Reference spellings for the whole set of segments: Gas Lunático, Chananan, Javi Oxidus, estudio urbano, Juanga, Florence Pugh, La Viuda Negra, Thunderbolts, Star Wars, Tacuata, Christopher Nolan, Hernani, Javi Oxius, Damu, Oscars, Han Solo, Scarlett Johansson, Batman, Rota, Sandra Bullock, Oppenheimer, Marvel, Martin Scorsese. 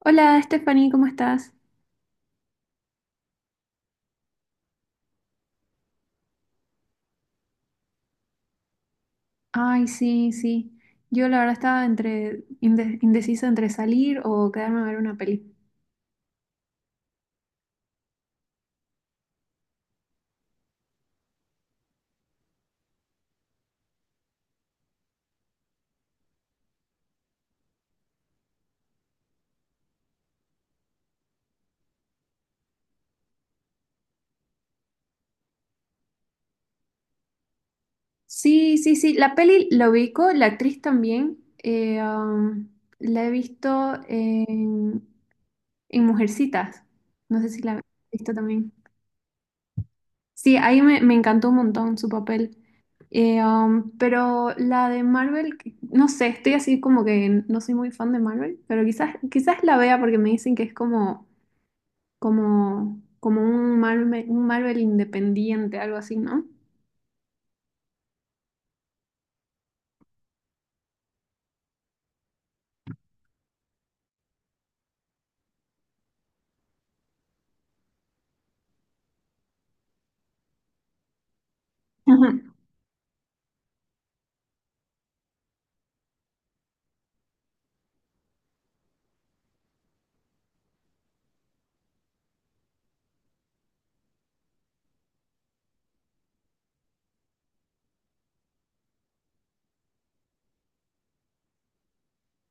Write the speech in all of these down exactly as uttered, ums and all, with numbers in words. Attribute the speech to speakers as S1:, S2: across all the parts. S1: Hola, Stephanie, ¿cómo estás? Ay, sí, sí. Yo la verdad estaba entre inde- indecisa entre salir o quedarme a ver una peli. Sí, sí, sí. La peli la ubico, la actriz también. Eh, um, la he visto en, en Mujercitas. No sé si la he visto también. Sí, ahí me, me encantó un montón su papel. Eh, um, pero la de Marvel, que- no sé, estoy así como que no soy muy fan de Marvel, pero quizás, quizás la vea porque me dicen que es como como, como un Marvel, un Marvel independiente, algo así, ¿no? Ujú.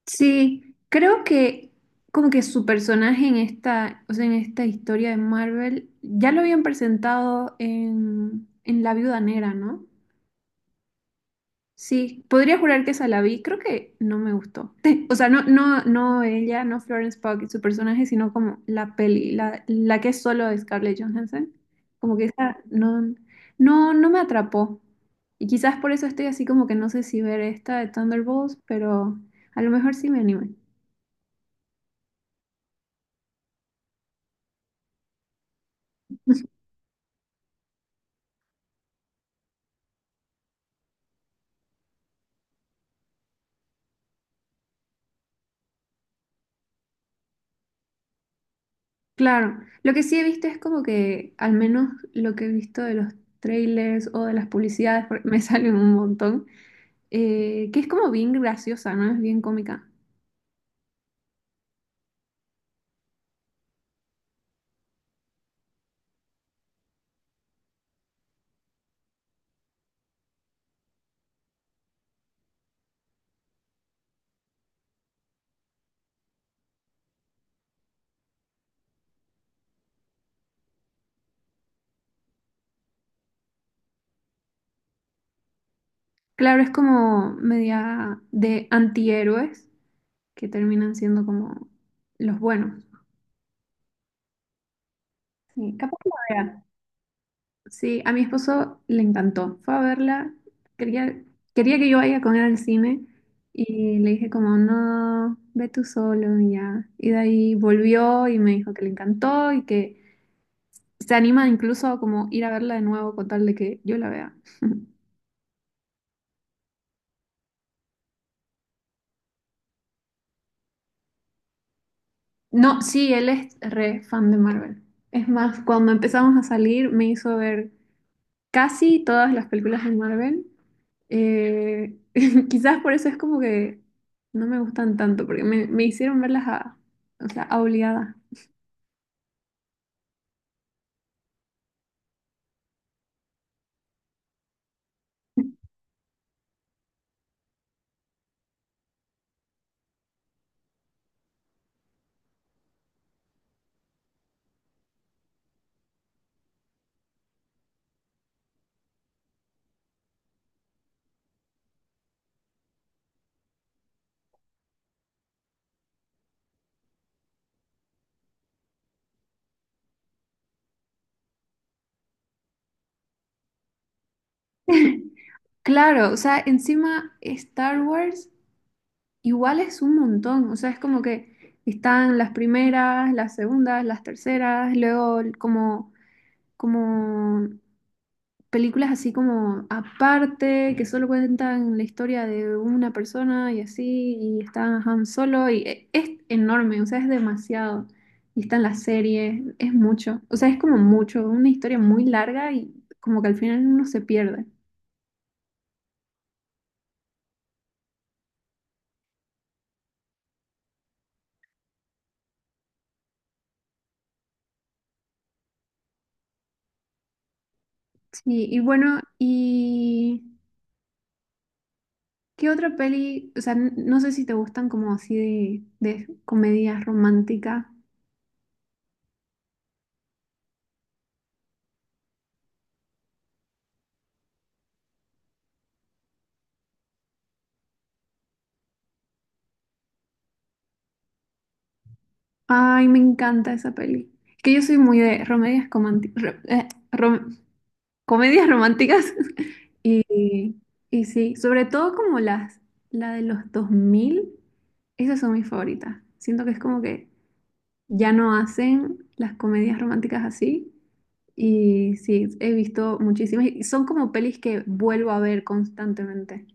S1: Sí, creo que como que su personaje en esta, o sea, en esta historia de Marvel ya lo habían presentado en, en La Viuda Negra, ¿no? Sí, podría jurar que esa la vi, creo que no me gustó. O sea, no, no, no ella, no Florence Pugh y su personaje, sino como la peli, la, la que es solo de Scarlett Johansson. Como que esa no, no, no me atrapó. Y quizás por eso estoy así como que no sé si ver esta de Thunderbolts, pero a lo mejor sí me anime. Claro, lo que sí he visto es como que, al menos lo que he visto de los trailers o de las publicidades, porque me salen un montón, eh, que es como bien graciosa, ¿no? Es bien cómica. Claro, es como media de antihéroes que terminan siendo como los buenos. Sí, capaz la vea. Sí, a mi esposo le encantó. Fue a verla. Quería, quería que yo vaya con él al cine y le dije como, no, ve tú solo y ya. Y de ahí volvió y me dijo que le encantó y que se anima incluso a como ir a verla de nuevo con tal de que yo la vea. No, sí, él es re fan de Marvel. Es más, cuando empezamos a salir me hizo ver casi todas las películas de Marvel. Eh, quizás por eso es como que no me gustan tanto, porque me, me hicieron verlas a, o sea, a obligada. Claro, o sea, encima Star Wars igual es un montón, o sea, es como que están las primeras, las segundas, las terceras, luego como, como películas así como aparte, que solo cuentan la historia de una persona y así, y está Han Solo, y e- es enorme, o sea, es demasiado. Y están las series, es mucho, o sea, es como mucho, una historia muy larga y como que al final uno se pierde. Sí, y bueno, ¿y qué otra peli? O sea, n- no sé si te gustan como así de, de comedias románticas. Ay, me encanta esa peli. Es que yo soy muy de comedias cománti- ro- eh, rom- comedias románticas. Y, y sí, sobre todo como las, la de los dos mil esas son mis favoritas. Siento que es como que ya no hacen las comedias románticas así. Y sí, he visto muchísimas. Y son como pelis que vuelvo a ver constantemente.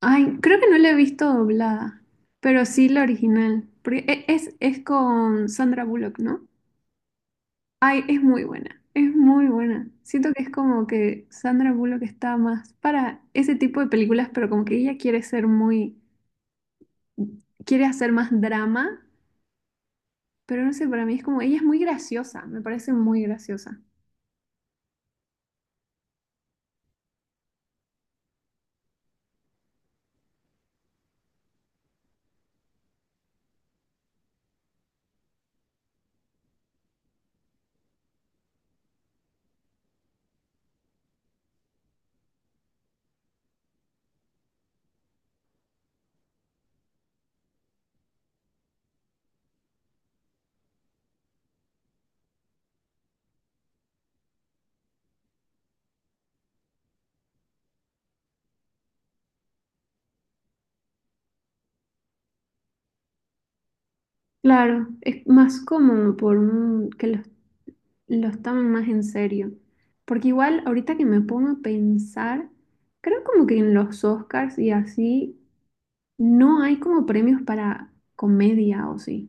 S1: Ay, creo que no la he visto doblada, pero sí la original. Porque e- Es, es con Sandra Bullock, ¿no? Ay, es muy buena, es muy buena. Siento que es como que Sandra Bullock está más para ese tipo de películas, pero como que ella quiere ser muy, quiere hacer más drama, pero no sé, para mí es como, ella es muy graciosa, me parece muy graciosa. Claro, es más como por un, que los, los tomen más en serio. Porque igual ahorita que me pongo a pensar, creo como que en los Oscars y así no hay como premios para comedia o sí.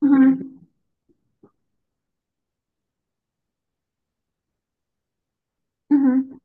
S1: Ujú, ujú.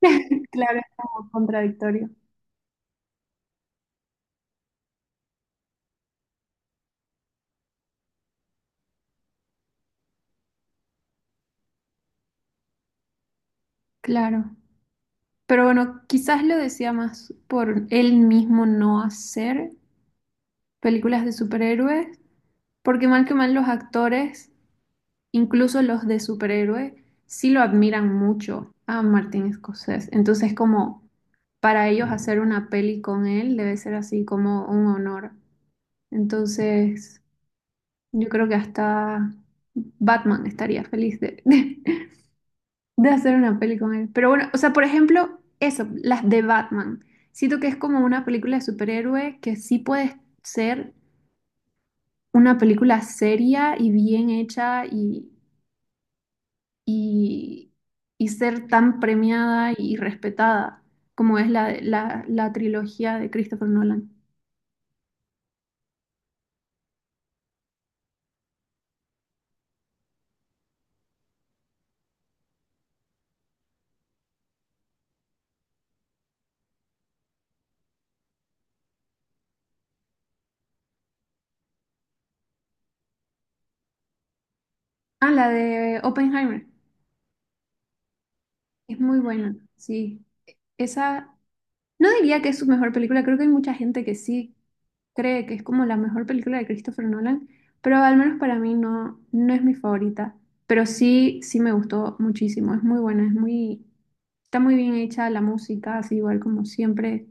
S1: Claro, es como contradictorio. Claro. Pero bueno, quizás lo decía más por él mismo no hacer películas de superhéroes, porque mal que mal los actores, incluso los de superhéroes, sí lo admiran mucho a Martin Scorsese. Entonces, como para ellos hacer una peli con él debe ser así como un honor. Entonces, yo creo que hasta Batman estaría feliz de, de de hacer una peli con él. Pero bueno, o sea, por ejemplo, eso, las de Batman. Siento que es como una película de superhéroe que sí puede ser una película seria y bien hecha y, y, y ser tan premiada y respetada como es la, la, la trilogía de Christopher Nolan. Ah, la de Oppenheimer. Es muy buena, sí. Esa no diría que es su mejor película, creo que hay mucha gente que sí cree que es como la mejor película de Christopher Nolan, pero al menos para mí no, no es mi favorita. Pero sí, sí me gustó muchísimo, es muy buena, es muy, está muy bien hecha la música, así igual como siempre,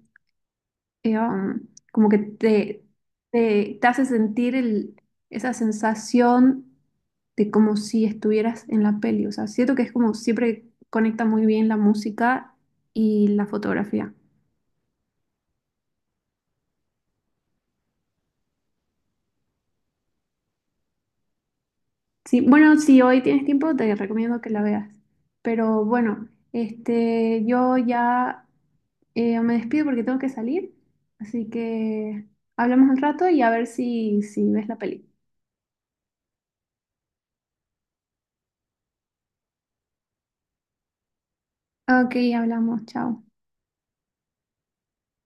S1: eh, um, como que te, te, te hace sentir el, esa sensación de como si estuvieras en la peli. O sea, siento que es como siempre conecta muy bien la música y la fotografía. Sí, bueno, si hoy tienes tiempo, te recomiendo que la veas. Pero bueno, este, yo ya eh, me despido porque tengo que salir. Así que hablamos un rato y a ver si, si ves la peli. Ok, hablamos, chao.